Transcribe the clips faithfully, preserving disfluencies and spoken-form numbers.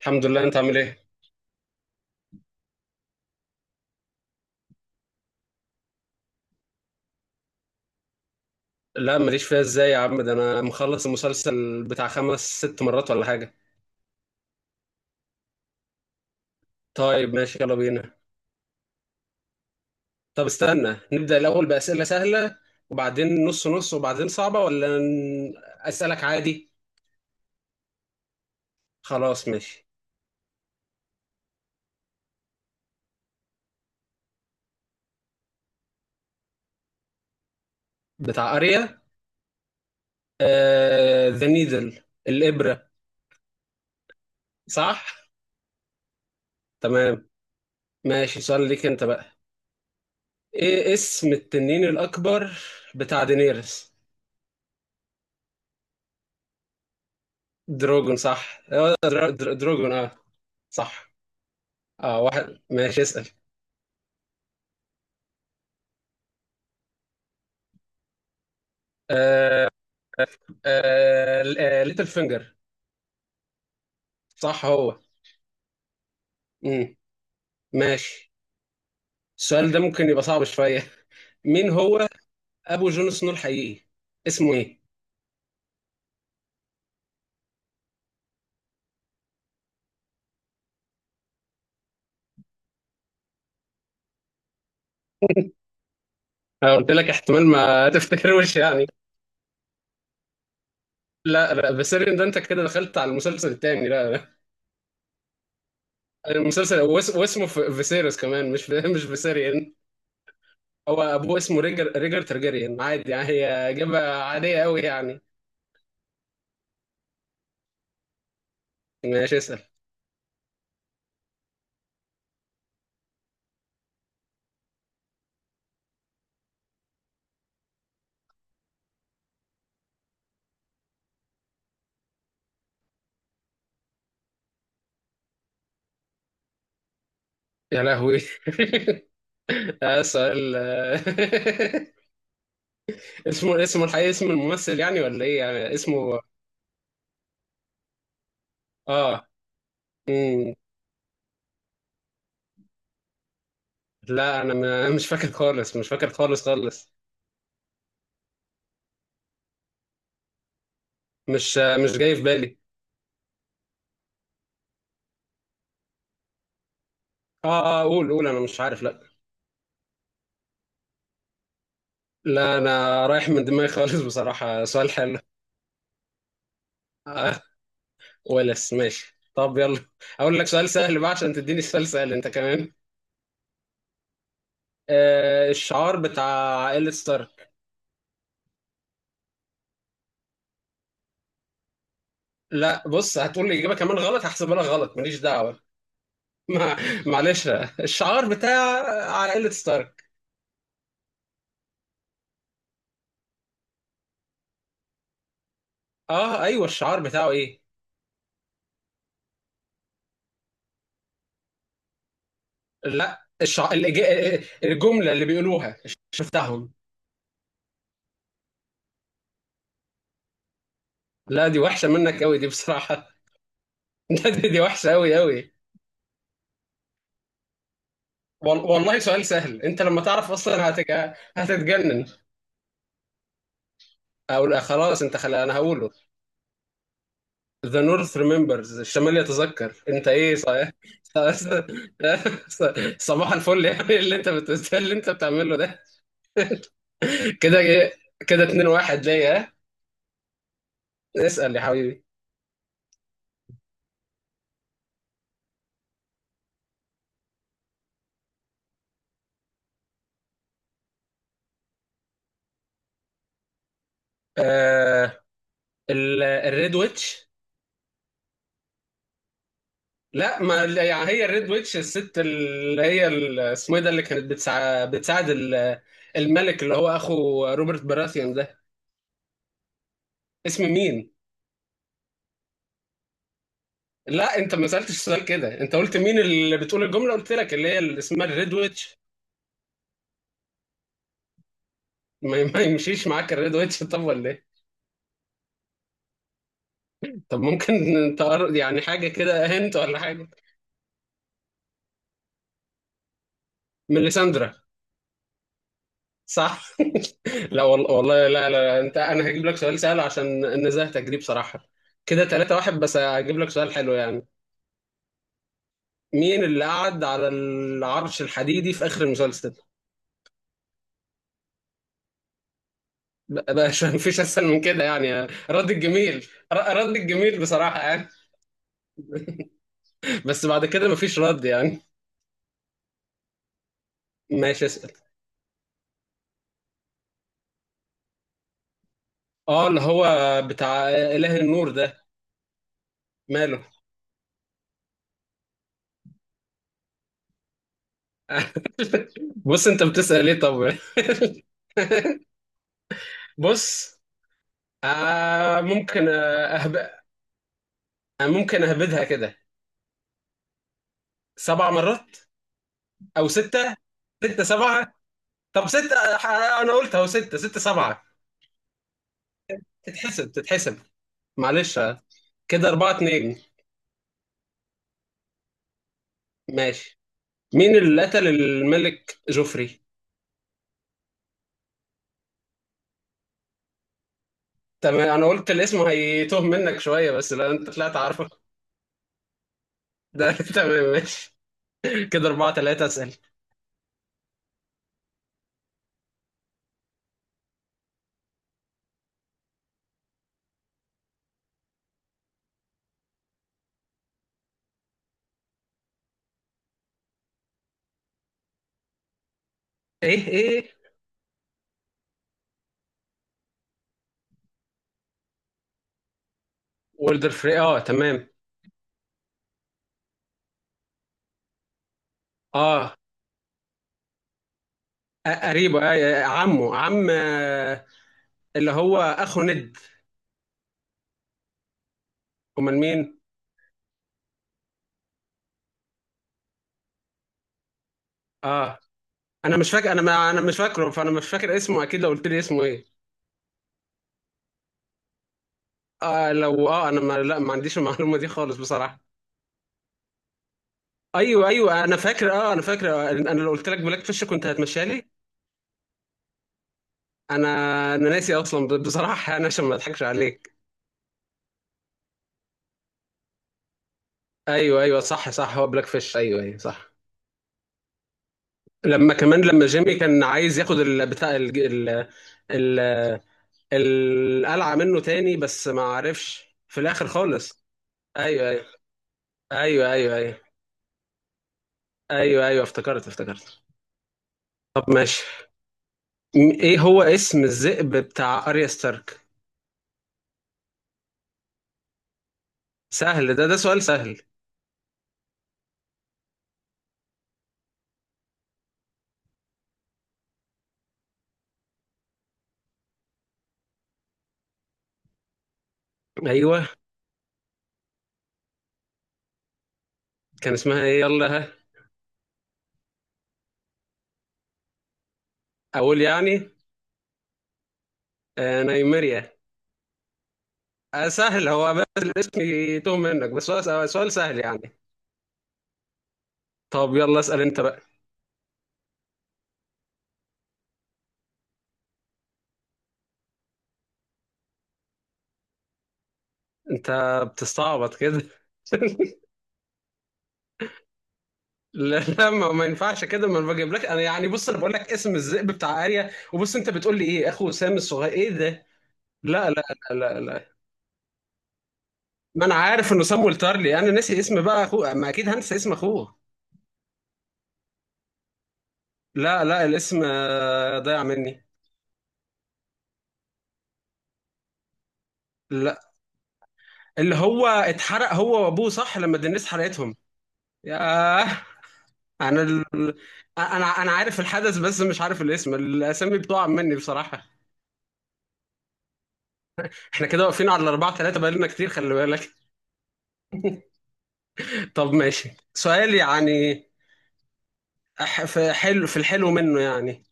الحمد لله، انت عامل ايه؟ لا ماليش فيها، ازاي يا عم؟ ده انا مخلص المسلسل بتاع خمس ست مرات ولا حاجه. طيب ماشي، يلا بينا. طب استنى نبدا الاول باسئله سهله، وبعدين نص نص، وبعدين صعبه، ولا ن- اسالك عادي؟ خلاص ماشي. بتاع اريا، ذا نيدل، الابره. صح. تمام. ماشي، سؤال ليك انت بقى. ايه اسم التنين الاكبر بتاع دينيرس؟ دروجون، صح اه، درا- درا- دروجون، اه. صح. اه، واحد، ماشي، اسال. آه آه آه ليتل فينجر. صح هو. امم ماشي. السؤال ده ممكن يبقى صعب شويه. مين هو ابو جون سنو الحقيقي؟ اسمه ايه؟ انا قلت لك احتمال ما تفتكروش يعني. لا لا فيسيريون ده، انت كده دخلت على المسلسل التاني، لا لا. المسلسل واس- واسمه ف- فيسيريوس كمان، مش في- مش فيسيريون. هو ابوه اسمه ريجر ريجر ترجريان، عادي يعني، هي اجابه عاديه قوي يعني. ماشي اسال. يا لهوي. آه سؤال آه، اسمه، اسمه الحقيقي، اسم الممثل يعني ولا ايه يعني اسمه؟ اه. مم. لا انا ما- مش فاكر خالص، مش فاكر خالص خالص. مش آه، مش جاي في بالي. اه اه، قول قول، انا مش عارف، لا. لا انا رايح من دماغي خالص بصراحة، سؤال حلو. آه ولس، ماشي، طب يلا. اقول لك سؤال سهل بقى عشان تديني سؤال سهل انت كمان. آه الشعار بتاع عائلة ستارك. لا بص هتقول لي اجابة كمان غلط، هحسبها لك غلط، ماليش دعوة. ما معلش، الشعار بتاع على قلة ستارك. اه ايوه الشعار بتاعه ايه. لا الشع... الإج- الجملة اللي بيقولوها الش- بتاعهم. لا دي وحشة منك قوي دي بصراحة. لا دي, دي وحشة قوي قوي. وال... والله سؤال سهل، انت لما تعرف اصلا هتج... هتتجنن. اقول خلاص، انت خلي انا هقوله. The North remembers، الشمال يتذكر، انت ايه صحيح. صباح الفل يعني، اللي انت بت... اللي انت بتعمله ده. كده ايه؟ كده اتنين واحد ليا. اسأل يا حبيبي. آه ال- الريد ويتش. لا ما يعني هي الريد ويتش، الست اللي هي ال- اسمه ايه ده، اللي كانت بتساعد بتساعد ال- الملك اللي هو اخو روبرت براثيان ده. اسم مين؟ لا انت ما سألتش سؤال كده، انت قلت مين اللي بتقول الجملة، قلت لك اللي هي اللي اسمها الريد ويتش. ما, ما يمشيش معاك الريد ويتش؟ طب ولا ايه؟ طب ممكن انت، يعني حاجة كده، هنت ولا حاجة. ميليساندرا. صح. لا والله والله لا لا، انت، انا هجيب لك سؤال سهل عشان نزهتك دي بصراحة. كده تلاتة واحد، بس هجيب لك سؤال حلو يعني. مين اللي قعد على العرش الحديدي في اخر المسلسل؟ بقى بقى مش مفيش اسهل من كده يعني. رد الجميل. ر- رد الجميل بصراحة يعني، بس بعد كده مفيش رد يعني. ماشي اسأل. اه، اللي هو بتاع اله النور ده. ماله؟ بص انت بتسأل ليه طب؟ بص آه ممكن آه، أهب... آه، ممكن اهبدها كده. سبع مرات. او ستة. ستة سبعة. طب ستة ح- انا قلت اهو، ستة، ستة سبعة. تتحسب، تتحسب. معلش. كده أربعة اتنين. ماشي. مين اللي قتل الملك جوفري؟ تمام، أنا قلت الاسم هيتوه منك شوية بس لا أنت طلعت عارفه. ده تمام ماشي. كده أربعة تلاتة، أسأل. إيه إيه. وولدر فري آه تمام. آه أ- قريبه آه عمه عم آه، اللي هو أخو ند. أمال مين؟ آه انا مش فاكر، انا ما انا مش فاكره، فانا مش فاكر اسمه اكيد لو قلت لي اسمه ايه. آه لو اه، انا ما لا ما عنديش المعلومه دي خالص بصراحه. ايوه ايوه انا فاكر، اه انا فاكر آه، انا لو قلت لك بلاك فيش كنت هتمشيها لي. انا انا ناسي اصلا ب- بصراحه انا، عشان ما اضحكش عليك. ايوه ايوه صح صح، هو بلاك فيش، ايوه ايوه صح. لما كمان لما جيمي كان عايز ياخد ال- بتاع ال ال ال- القلعه منه تاني، بس ما عرفش في الاخر خالص. ايوه ايوه ايوه ايوه ايوه ايوه ايوه، افتكرت افتكرت. طب ماشي، م- ايه هو اسم الذئب بتاع اريا ستارك؟ سهل ده، ده سؤال سهل. ايوه. كان اسمها ايه، يلا ها. اقول يعني؟ آه نايميريا. آه سهل، هو بس الاسم يتوه منك، بس هو س- سؤال سهل يعني. طب يلا اسأل انت بقى. انت بتستعبط كده؟ لا لا ما, ما ينفعش كده، ما انا بجيب لك انا يعني، بص انا بقول لك اسم الذئب بتاع اريا، وبص انت بتقول لي ايه اخو سام الصغير، ايه ده؟ لا لا لا لا لا ما انا عارف انه سام والتارلي، انا ناسي اسم بقى اخوه، ما اكيد هنسى اسم اخوه. لا لا الاسم آه، ضايع مني. لا اللي هو اتحرق هو وابوه صح، لما الناس حرقتهم. ياه. انا ال... انا انا عارف الحدث بس مش عارف الاسم، الاسامي بتقع مني بصراحة. احنا كده واقفين على الاربعة ثلاثة، بقالنا كتير، خلي بالك. طب ماشي سؤال يعني. أح- في حلو، في الحلو منه يعني.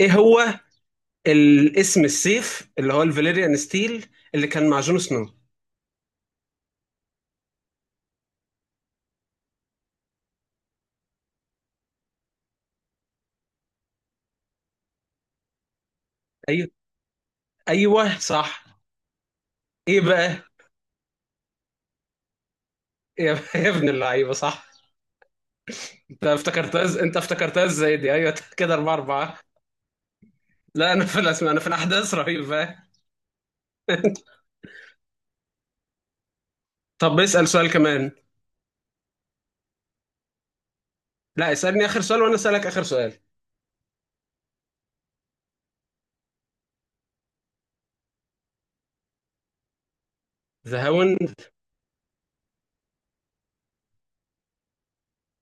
ايه هو الاسم، السيف اللي هو الفاليريان ستيل اللي كان مع جون سنو؟ ايوه ايوه صح. ايه بقى؟ يا يا ابن اللعيبة، صح. انت افتكرتها إز- انت افتكرتها ازاي دي؟ ايوه كده اربعة اربعة. لا انا في الاسماء، انا في الاحداث رهيب، فاهم. طب اسال سؤال كمان. لا اسالني اخر سؤال وانا اسالك اخر سؤال. ذا هاوند.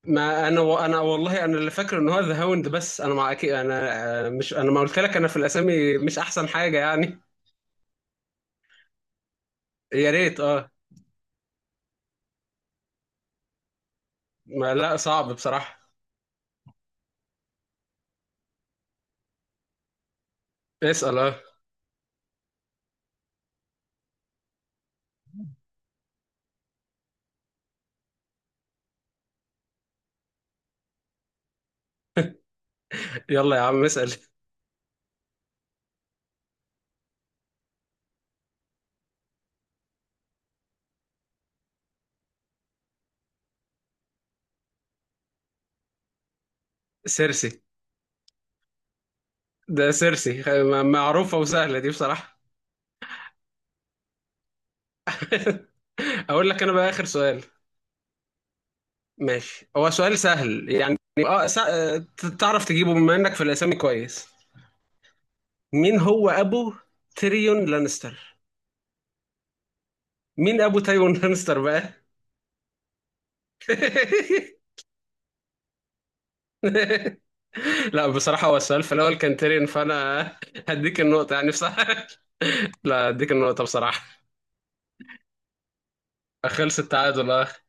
ما انا و... انا والله، انا اللي فاكر ان هو ذا هاوند، بس انا مع اكيد انا آه، مش، انا ما قلت لك انا في الاسامي مش احسن حاجه يعني. يا ريت اه. ما لا صعب بصراحه. اسال اه. يلا يا عم اسال. سيرسي. ده سيرسي، خ- م- معروفه وسهله دي بصراحه. اقول لك انا بقى اخر سؤال. ماشي، هو سؤال سهل يعني. اه سا... آه، ت- تعرف تجيبه بما انك في الاسامي كويس. مين هو ابو تيريون لانستر؟ مين ابو تيريون لانستر بقى؟ لا بصراحة هو السؤال في الاول كان تيريون، فانا هديك النقطة يعني بصراحة. لا هديك النقطة بصراحة. خلص التعادل اه.